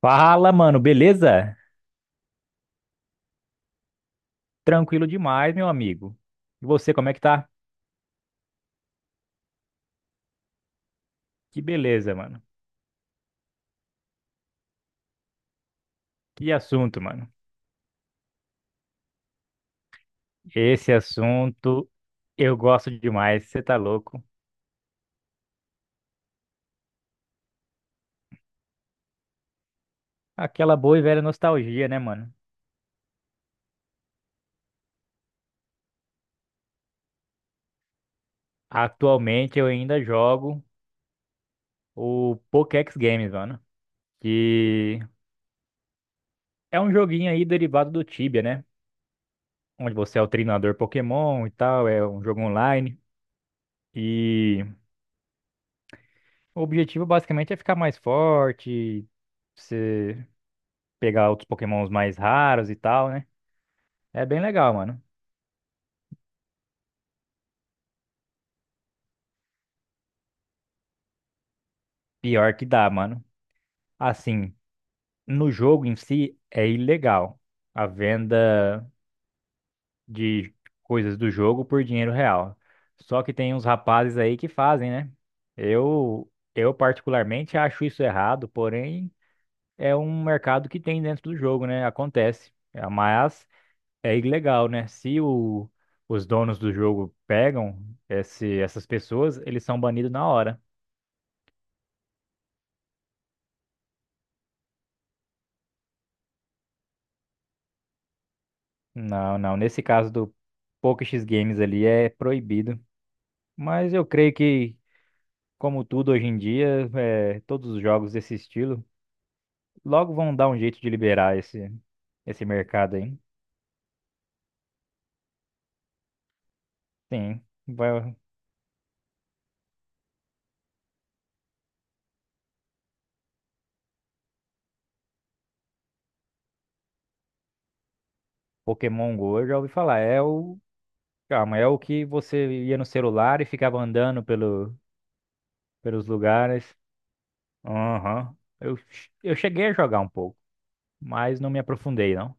Fala, mano, beleza? Tranquilo demais, meu amigo. E você, como é que tá? Que beleza, mano. Que assunto, mano. Esse assunto eu gosto demais, você tá louco. Aquela boa e velha nostalgia, né, mano? Atualmente eu ainda jogo o Pokédex Games, mano, que é um joguinho aí derivado do Tibia, né? Onde você é o treinador Pokémon e tal, é um jogo online. E o objetivo basicamente é ficar mais forte, pegar outros Pokémons mais raros e tal, né? É bem legal, mano. Pior que dá, mano. Assim, no jogo em si é ilegal a venda de coisas do jogo por dinheiro real. Só que tem uns rapazes aí que fazem, né? Eu particularmente acho isso errado, porém é um mercado que tem dentro do jogo, né? Acontece. É, mas é ilegal, né? Se o, os donos do jogo pegam esse, essas pessoas, eles são banidos na hora. Não, não. Nesse caso do Poker X Games ali é proibido. Mas eu creio que, como tudo hoje em dia, é, todos os jogos desse estilo logo vão dar um jeito de liberar esse, esse mercado aí. Sim, vai- Pokémon Go, eu já ouvi falar. É o. Calma, é o que você ia no celular e ficava andando pelo, pelos lugares. Aham. Eu cheguei a jogar um pouco, mas não me aprofundei, não.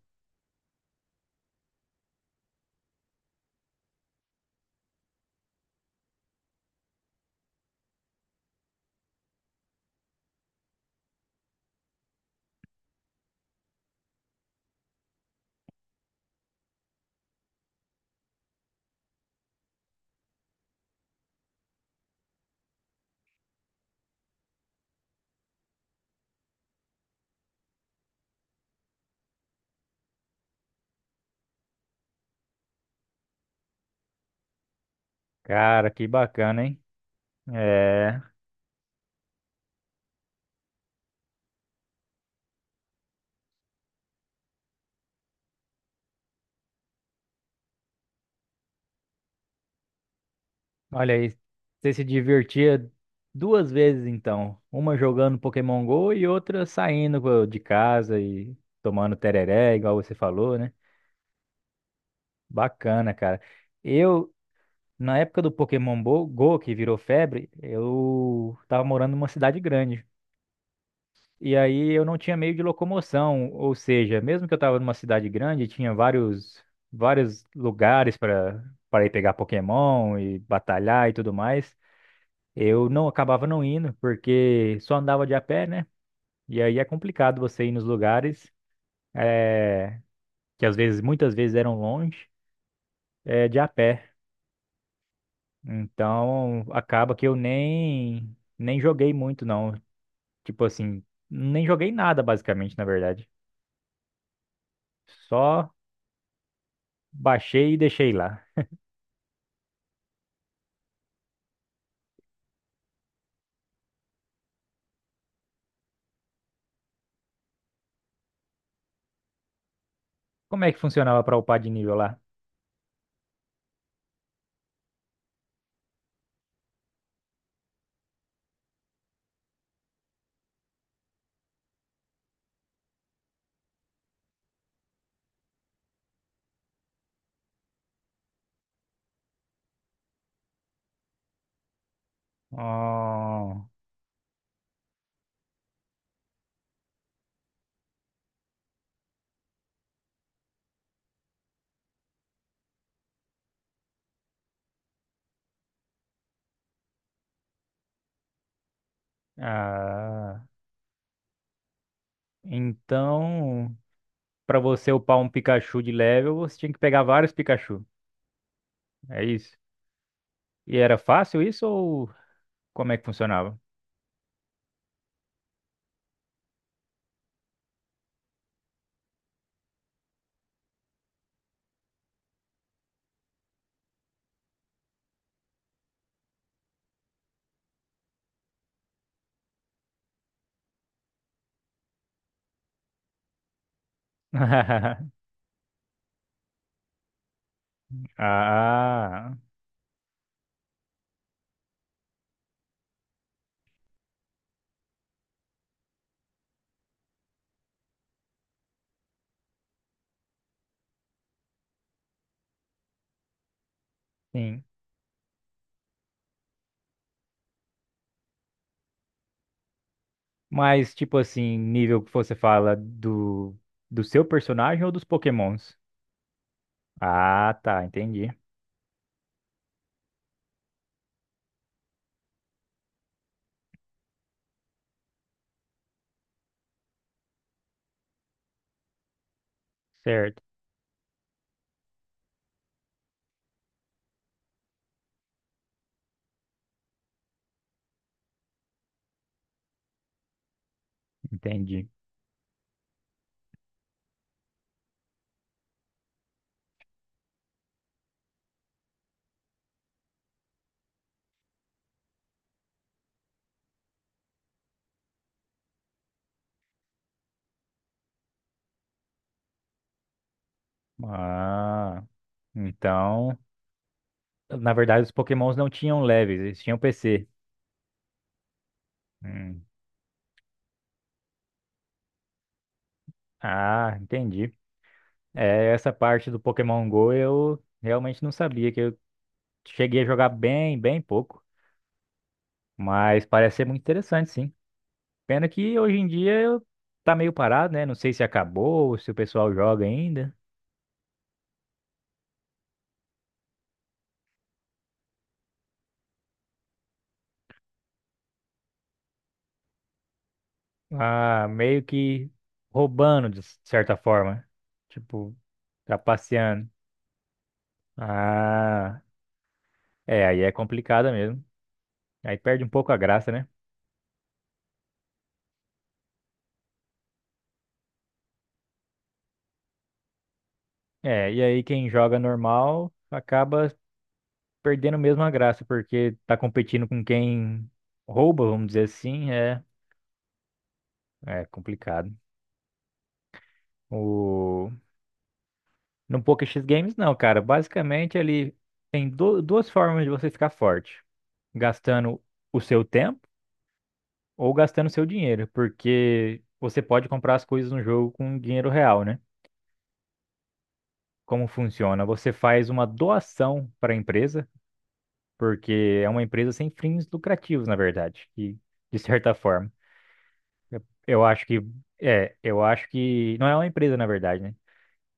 Cara, que bacana, hein? É. Olha aí, você se divertia duas vezes então, uma jogando Pokémon Go e outra saindo de casa e tomando tereré, igual você falou, né? Bacana, cara. Eu, na época do Pokémon Go, que virou febre, eu tava morando numa cidade grande. E aí eu não tinha meio de locomoção, ou seja, mesmo que eu tava numa cidade grande, tinha vários vários lugares para para ir pegar Pokémon e batalhar e tudo mais. Eu não acabava não indo, porque só andava de a pé, né? E aí é complicado você ir nos lugares eh, que às vezes, muitas vezes eram longe, de a pé. Então acaba que eu nem joguei muito não. Tipo assim, nem joguei nada basicamente, na verdade. Só baixei e deixei lá. Como é que funcionava para upar de nível lá? Oh, ah, então, para você upar um Pikachu de level, você tinha que pegar vários Pikachu. É isso. E era fácil isso ou como é que funcionava? Ah, sim. Mas, tipo assim, nível que você fala do, do seu personagem ou dos Pokémons? Ah, tá, entendi. Certo, entendi. Ah, então, na verdade, os Pokémons não tinham leves, eles tinham PC. Hum. Ah, entendi. É, essa parte do Pokémon Go eu realmente não sabia, que eu cheguei a jogar bem, bem pouco. Mas parece ser muito interessante, sim. Pena que hoje em dia tá meio parado, né? Não sei se acabou, se o pessoal joga ainda. Ah, meio que roubando, de certa forma. Tipo, trapaceando. Ah, é, aí é complicado mesmo. Aí perde um pouco a graça, né? É, e aí quem joga normal acaba perdendo mesmo a graça, porque tá competindo com quem rouba, vamos dizer assim, é, é complicado. No Poker X Games, não, cara. Basicamente, ele tem duas formas de você ficar forte: gastando o seu tempo ou gastando o seu dinheiro, porque você pode comprar as coisas no jogo com dinheiro real, né? Como funciona? Você faz uma doação para a empresa, porque é uma empresa sem fins lucrativos, na verdade, e de certa forma. Eu acho que é, eu acho que não é uma empresa, na verdade, né?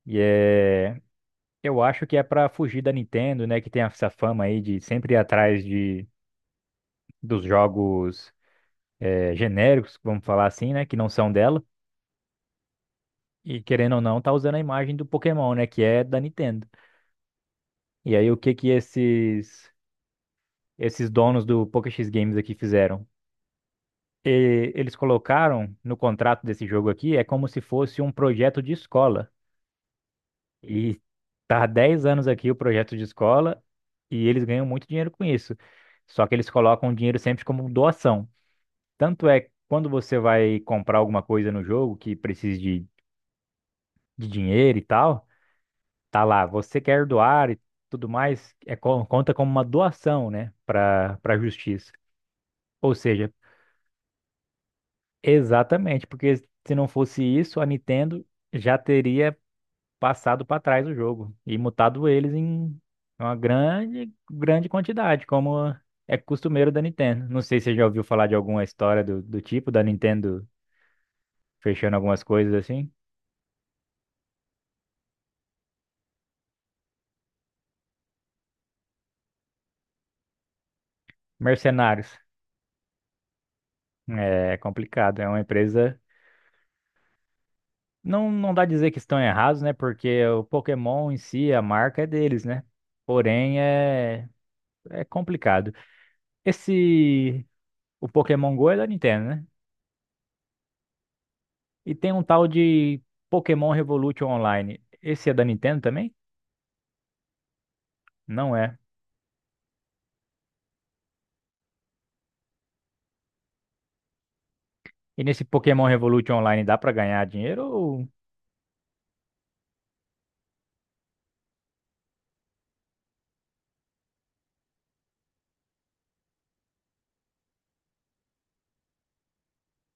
E é. Eu acho que é pra fugir da Nintendo, né? Que tem essa fama aí de sempre ir atrás de, dos jogos genéricos, vamos falar assim, né? Que não são dela. E querendo ou não, tá usando a imagem do Pokémon, né? Que é da Nintendo. E aí, o que que esses, esses donos do PokéX Games aqui fizeram? Eles colocaram no contrato desse jogo aqui, é como se fosse um projeto de escola. E tá há 10 anos aqui o projeto de escola e eles ganham muito dinheiro com isso. Só que eles colocam o dinheiro sempre como doação. Tanto é que quando você vai comprar alguma coisa no jogo que precise de dinheiro e tal, tá lá, você quer doar e tudo mais, é, conta como uma doação, né, para para a justiça. Ou seja, exatamente, porque se não fosse isso, a Nintendo já teria passado para trás o jogo e mutado eles em uma grande, grande quantidade, como é costumeiro da Nintendo. Não sei se você já ouviu falar de alguma história do, do tipo da Nintendo fechando algumas coisas assim. Mercenários. É é complicado, é uma empresa. Não, não dá dizer que estão errados, né? Porque o Pokémon em si, a marca é deles, né? Porém, é, é complicado. Esse. O Pokémon Go é da Nintendo, né? E tem um tal de Pokémon Revolution Online. Esse é da Nintendo também? Não é. E nesse Pokémon Revolution Online dá pra ganhar dinheiro ou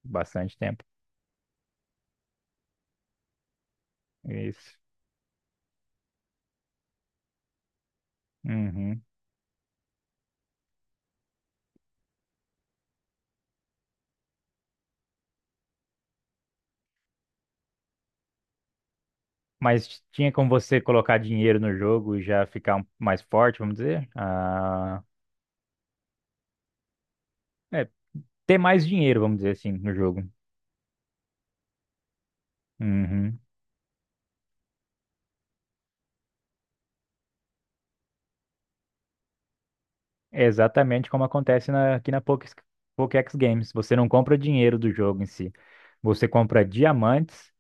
bastante tempo? Isso. Uhum. Mas tinha como você colocar dinheiro no jogo e já ficar mais forte, vamos dizer? Ah. É, ter mais dinheiro, vamos dizer assim, no jogo. Uhum. É exatamente como acontece aqui na Pokex, Pokex Games. Você não compra dinheiro do jogo em si. Você compra diamantes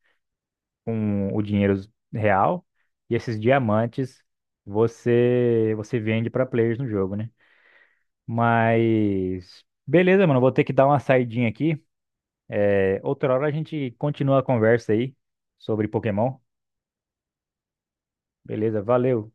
com o dinheiro real e esses diamantes você vende para players no jogo, né? Mas beleza, mano, vou ter que dar uma saidinha aqui. É, outra hora a gente continua a conversa aí sobre Pokémon. Beleza, valeu.